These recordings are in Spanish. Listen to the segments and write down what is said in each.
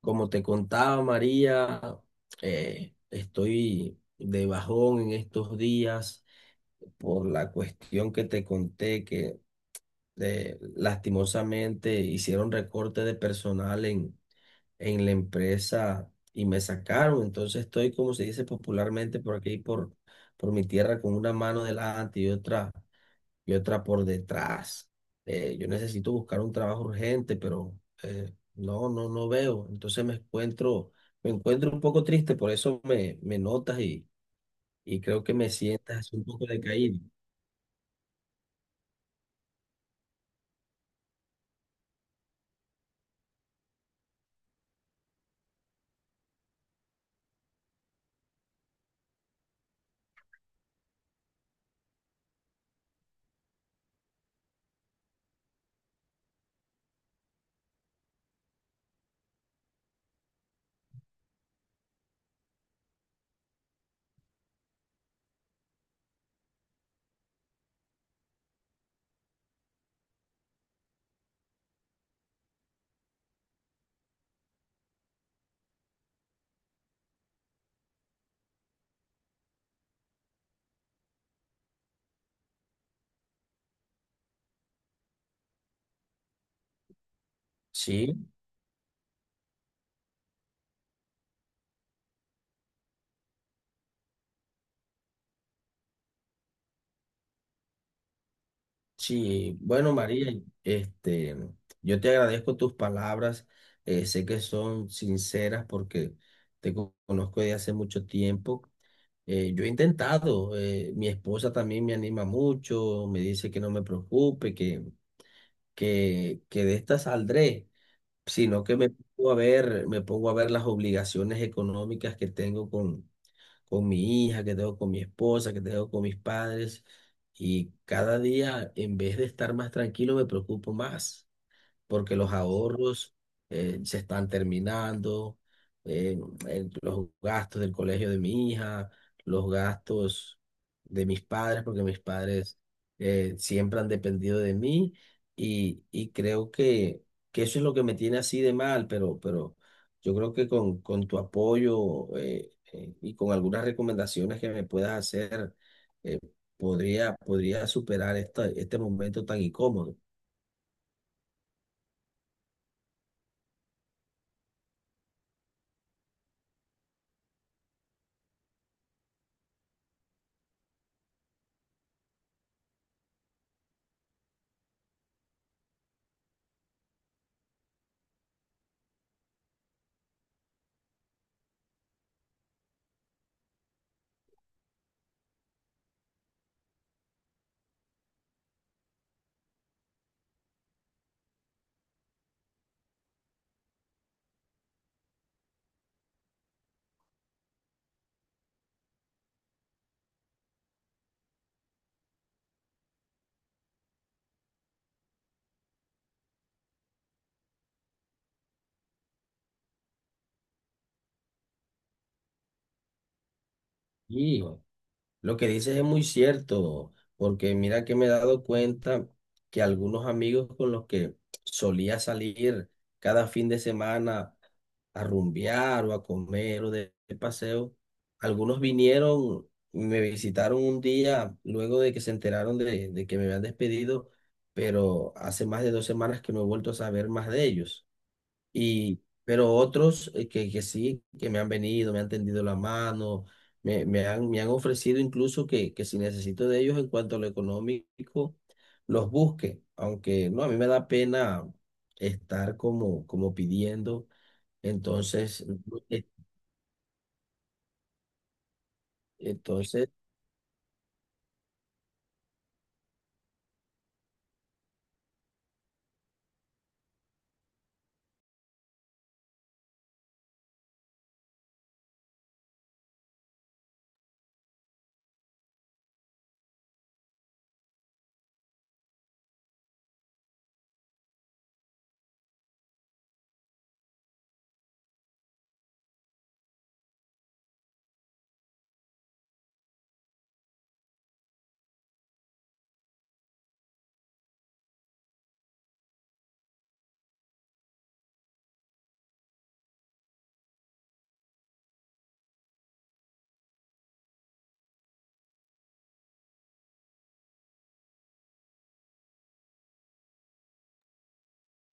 Como te contaba María, estoy de bajón en estos días por la cuestión que te conté que lastimosamente hicieron recorte de personal en la empresa y me sacaron. Entonces estoy, como se dice popularmente por aquí, por mi tierra, con una mano delante y otra por detrás. Yo necesito buscar un trabajo urgente, pero no, no veo. Me encuentro un poco triste, por eso me notas y creo que me sientas así un poco decaído. Sí, sí. Bueno, María, este, yo te agradezco tus palabras. Sé que son sinceras porque conozco de hace mucho tiempo. Yo he intentado, mi esposa también me anima mucho, me dice que no me preocupe, que de esta saldré, sino que me pongo a ver las obligaciones económicas que tengo con mi hija, que tengo con mi esposa, que tengo con mis padres, y cada día, en vez de estar más tranquilo, me preocupo más porque los ahorros se están terminando, eh, los gastos del colegio de mi hija, los gastos de mis padres, porque mis padres siempre han dependido de mí y creo que eso es lo que me tiene así de mal, pero yo creo que con tu apoyo y con algunas recomendaciones que me puedas hacer, eh, podría superar este momento tan incómodo. Sí, lo que dices es muy cierto, porque mira que me he dado cuenta que algunos amigos con los que solía salir cada fin de semana a rumbear o a comer o de paseo, algunos vinieron, me visitaron un día luego de que se enteraron de que me habían despedido, pero hace más de dos semanas que no he vuelto a saber más de ellos. Y, pero otros que sí, que me han venido, me han tendido la mano, me han ofrecido incluso que si necesito de ellos en cuanto a lo económico, los busque. Aunque no, a mí me da pena estar como, como pidiendo. Entonces, eh, entonces,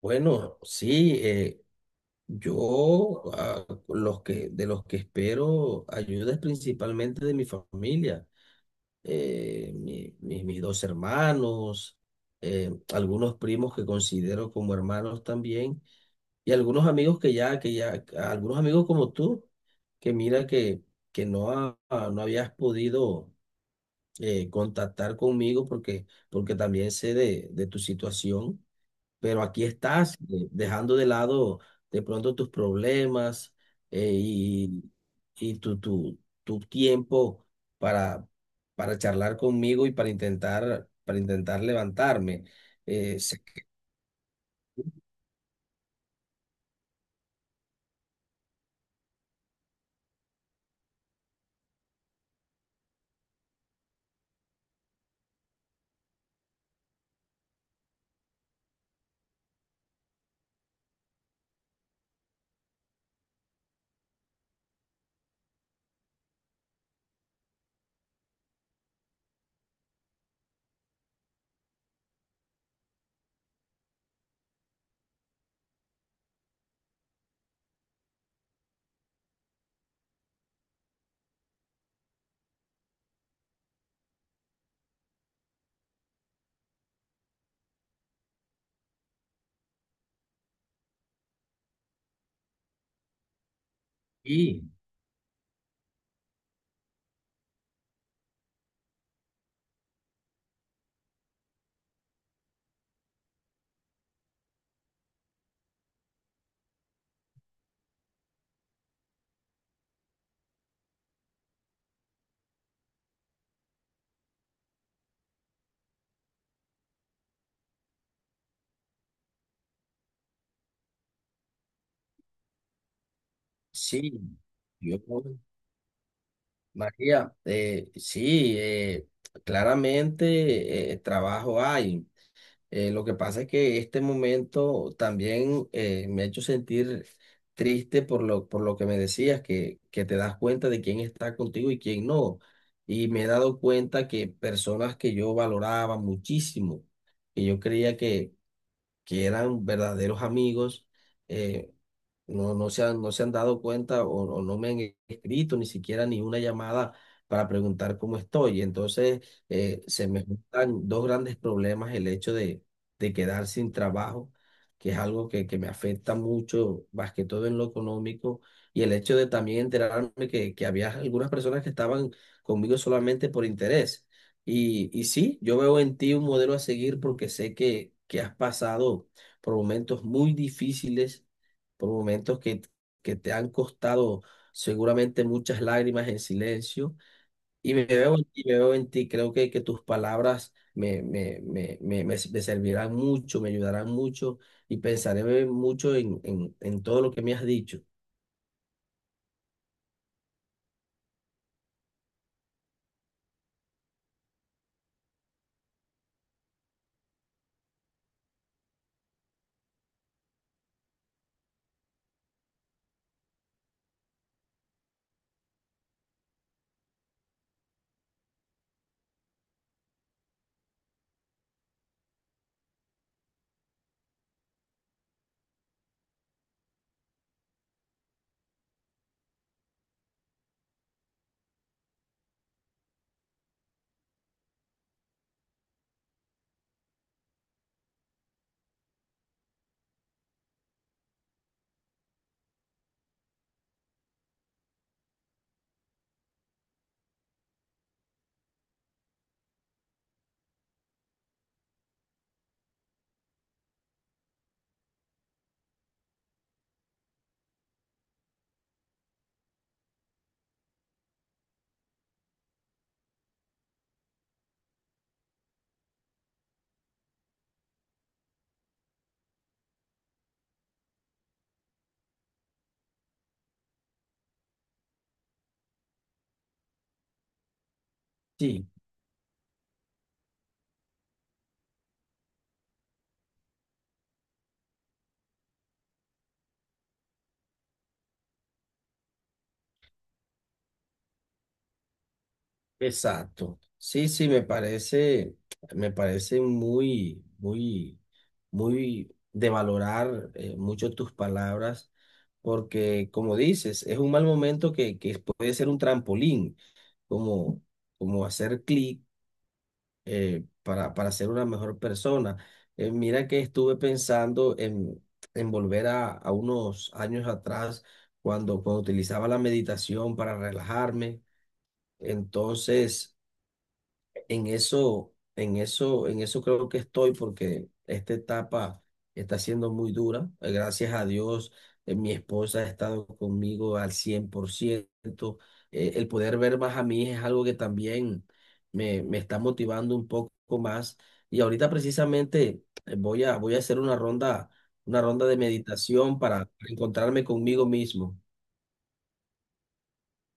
bueno, sí, yo de los que espero ayuda es principalmente de mi familia, mis dos hermanos, algunos primos que considero como hermanos también, y algunos amigos algunos amigos como tú, que mira que no, no habías podido contactar conmigo porque, porque también sé de tu situación, pero aquí estás dejando de lado de pronto tus problemas y, tu tiempo para, para charlar conmigo y para intentar levantarme. Sé que sí, sí, yo, María, sí, claramente trabajo hay. Lo que pasa es que este momento también me ha hecho sentir triste por por lo que me decías, que te das cuenta de quién está contigo y quién no. Y me he dado cuenta que personas que yo valoraba muchísimo, que yo creía que eran verdaderos amigos, eh, no, no se han dado cuenta o no me han e-, escrito ni siquiera ni una llamada para preguntar cómo estoy. Entonces, se me juntan dos grandes problemas, el hecho de quedar sin trabajo, que es algo que me afecta mucho, más que todo en lo económico, y el hecho de también enterarme que había algunas personas que estaban conmigo solamente por interés. Y sí, yo veo en ti un modelo a seguir porque sé que has pasado por momentos muy difíciles, por momentos que te han costado seguramente muchas lágrimas en silencio. Y me veo en ti, me veo en ti. Creo que tus palabras me servirán mucho, me ayudarán mucho y pensaré mucho en todo lo que me has dicho. Sí. Exacto. Sí, sí, me parece muy, muy, muy de valorar mucho tus palabras, porque como dices, es un mal momento que puede ser un trampolín, como, como hacer clic para ser una mejor persona. Mira que estuve pensando en volver a unos años atrás, cuando, cuando utilizaba la meditación para relajarme. Entonces en eso creo que estoy porque esta etapa está siendo muy dura. Gracias a Dios, mi esposa ha estado conmigo al 100%. El poder ver más a mi hija es algo que también me está motivando un poco más. Y ahorita precisamente voy a hacer una ronda de meditación para encontrarme conmigo mismo.